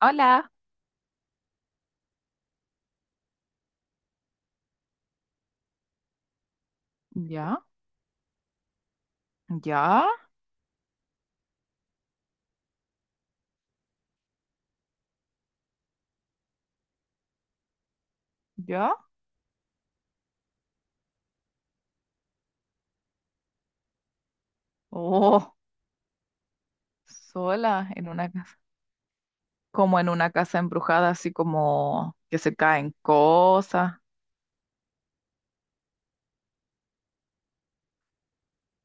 Hola, ya, ya, ya. Oh, sola en una casa, como en una casa embrujada, así como que se caen cosas,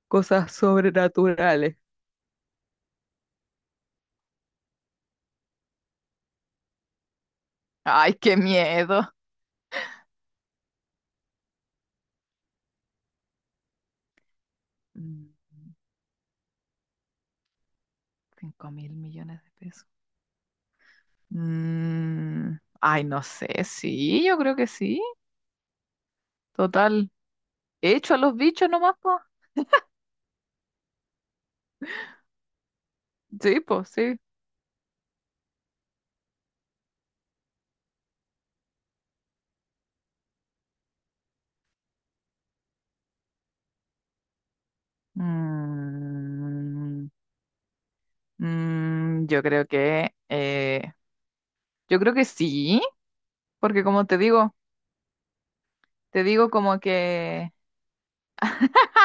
cosas sobrenaturales. Ay, qué miedo. Mm, Cinco mil millones de pesos. Mm, ay, no sé, sí, yo creo que sí. Total, hecho a los bichos nomás, po. Sí, pues sí. Mm, mm, yo creo que, eh, yo creo que sí. Porque como te digo como que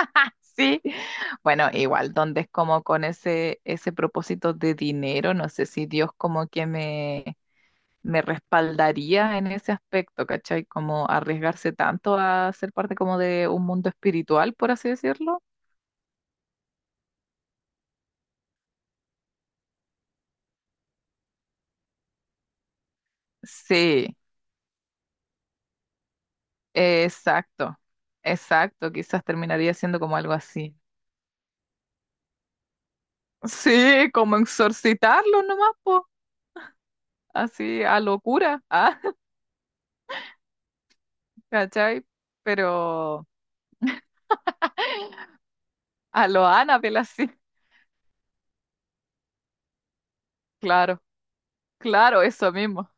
sí. Bueno, igual, donde es como con ese propósito de dinero, no sé si Dios como que me respaldaría en ese aspecto, ¿cachai? Como arriesgarse tanto a ser parte como de un mundo espiritual, por así decirlo. Sí, exacto, exacto, quizás terminaría siendo como algo así. Sí, como exorcitarlo nomás, po, así a locura, ah, ¿cachai? Pero. A lo Annabelle así, claro, claro, eso mismo,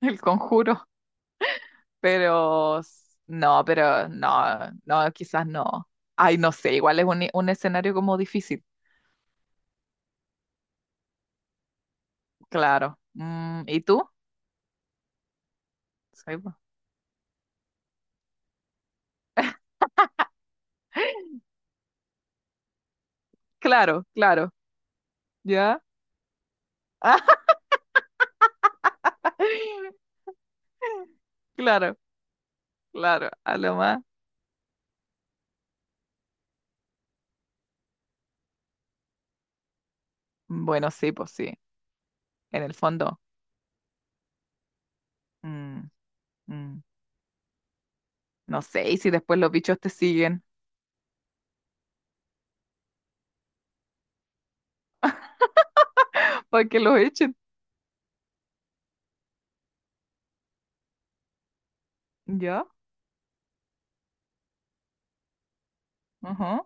el conjuro, no, pero no, no, quizás no. Ay, no sé, igual es un escenario como difícil, claro. ¿Y tú? Sí, po. Claro, claro, ¿ya? Claro, claro, a lo más. Bueno, sí, pues sí, en el fondo, mm, mm, no sé, y si después los bichos te siguen, para que los echen, ¿Ya? Ajá.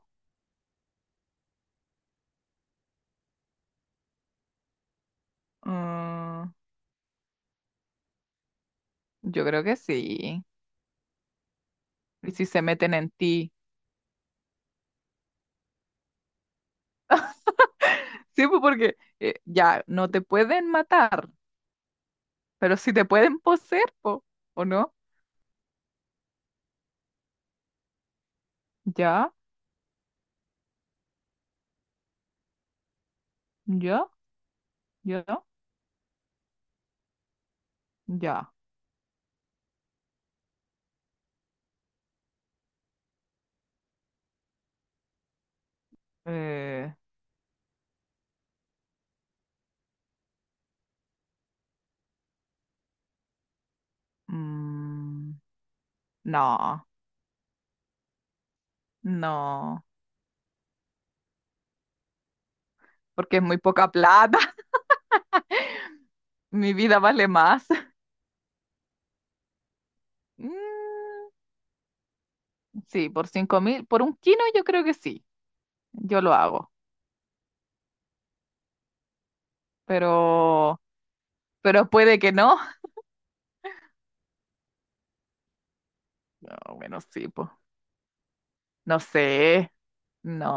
Ah. Yo creo que sí. Y si se meten en ti. Sí, pues porque ya no te pueden matar, pero si te pueden poseer, po, ¿o no? Ya, ya, ya, ya. Eh, mm, no, no, porque es muy poca plata. Mi vida vale más. Mm, sí, por cinco mil, por un kilo yo creo que sí. Yo lo hago, pero, pero puede que no. No, bueno, sí, pues. No sé. No.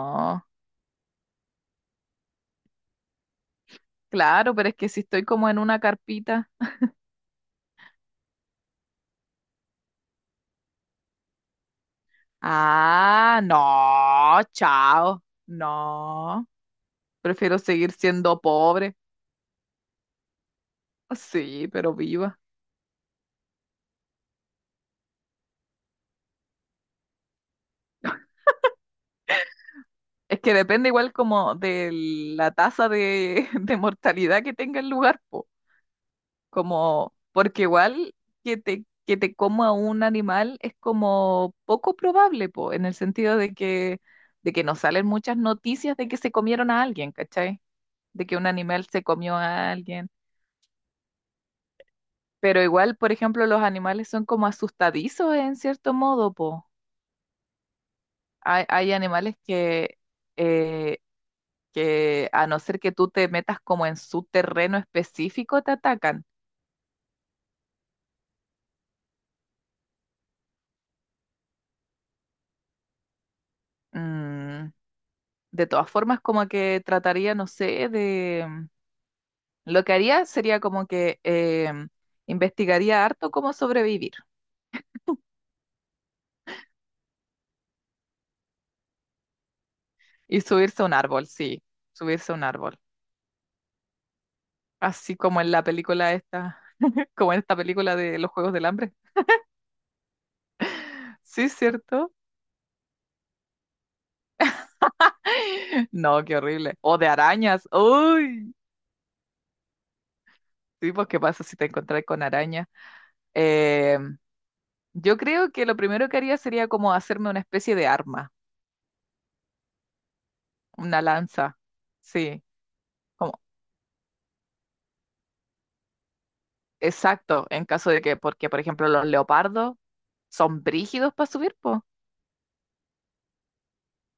Claro, pero es que si estoy como en una carpita. Ah, no, chao. No, prefiero seguir siendo pobre. Sí, pero viva. Es que depende igual como de la tasa de, de mortalidad que tenga el lugar, po. Como, porque igual que te coma un animal es como poco probable, po, en el sentido de que, no salen muchas noticias de que se comieron a alguien, ¿cachai? De que un animal se comió a alguien. Pero igual, por ejemplo, los animales son como asustadizos en cierto modo, po. Hay animales eh, que a no ser que tú te metas como en su terreno específico, te atacan. Mm, de todas formas, como que trataría, no sé, Lo que haría sería como que investigaría harto cómo sobrevivir y subirse a un árbol, sí, subirse a un árbol. Así como en la película esta, como en esta película de los Juegos del Hambre. Sí, ¿cierto? No, qué horrible. O de arañas. Uy, sí, pues qué pasa si te encontrás con arañas. Eh, yo creo que lo primero que haría sería como hacerme una especie de arma, una lanza. Sí, como, exacto, en caso de que, porque por ejemplo los leopardos son brígidos para subir, pues,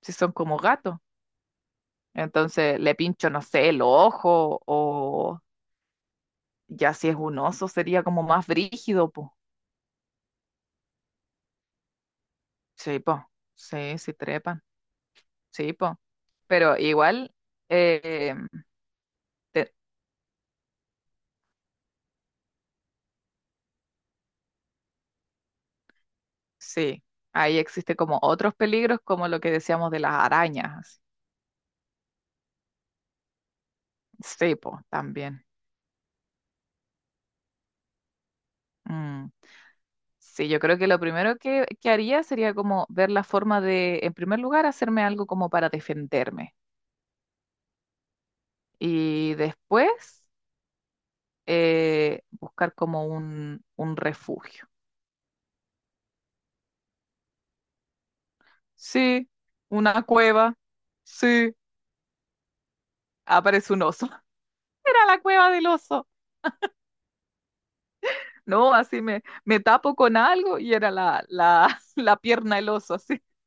si son como gatos. Entonces le pincho, no sé, el ojo o ya si es un oso sería como más brígido, pues. Sí, pues, sí, sí trepan. Sí, po. Pero igual, eh, te- sí, ahí existe como otros peligros, como lo que decíamos de las arañas. Sí, po, también. Mm. Sí, yo creo que lo primero que haría sería como ver la forma de, en primer lugar, hacerme algo como para defenderme. Y después, buscar como un refugio. Sí, una cueva. Sí, aparece un oso. Era la cueva del oso. No, así me tapo con algo y era la pierna del oso, así.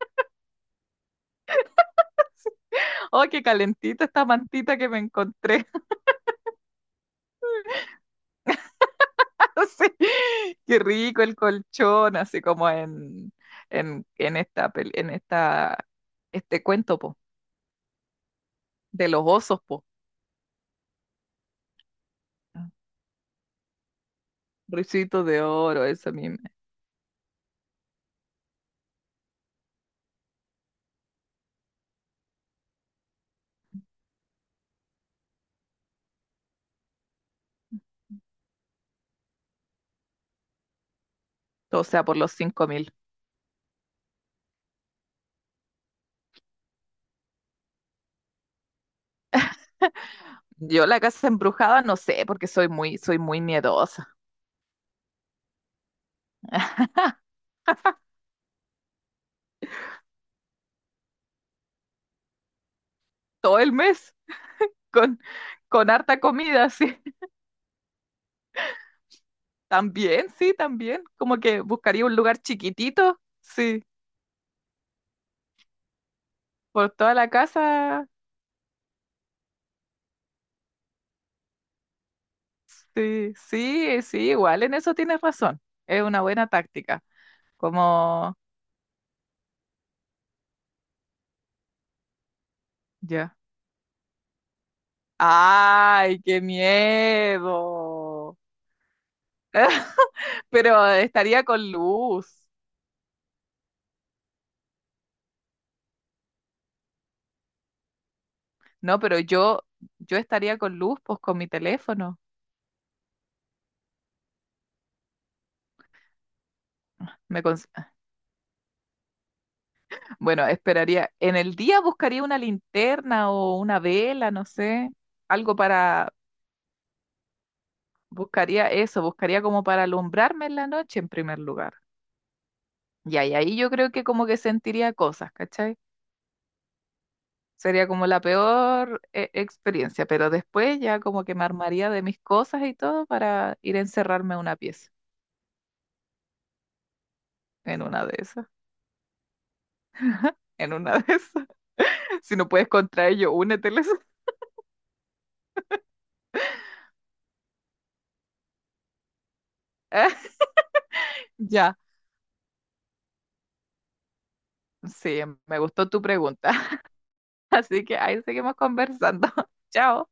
Oh, qué calentita esta mantita que me encontré. Así. Qué rico el colchón, así como en esta, pel- en esta, este cuento, po, de los osos, po. Ricitos de oro, eso mismo. O sea, por los cinco mil. Yo la casa embrujada no sé, porque soy muy miedosa. Todo el mes con, con harta comida, así. También, sí, también. Como que buscaría un lugar chiquitito, sí, por toda la casa. Sí, sí, sí, igual en eso tienes razón. Es una buena táctica. Como, ya. ¡Ay, qué miedo! Pero estaría con luz. No, pero yo estaría con luz, pues con mi teléfono. Me cons- bueno, esperaría. En el día buscaría una linterna o una vela, no sé, algo para Buscaría eso, buscaría como para alumbrarme en la noche en primer lugar. Y ahí yo creo que como que sentiría cosas, ¿cachai? Sería como la peor experiencia, pero después ya como que me armaría de mis cosas y todo para ir a encerrarme a una pieza, en una de esas, en una de esas. Si no puedes contra ello, úneteles. Ya, sí, me gustó tu pregunta. Así que ahí seguimos conversando. Chao.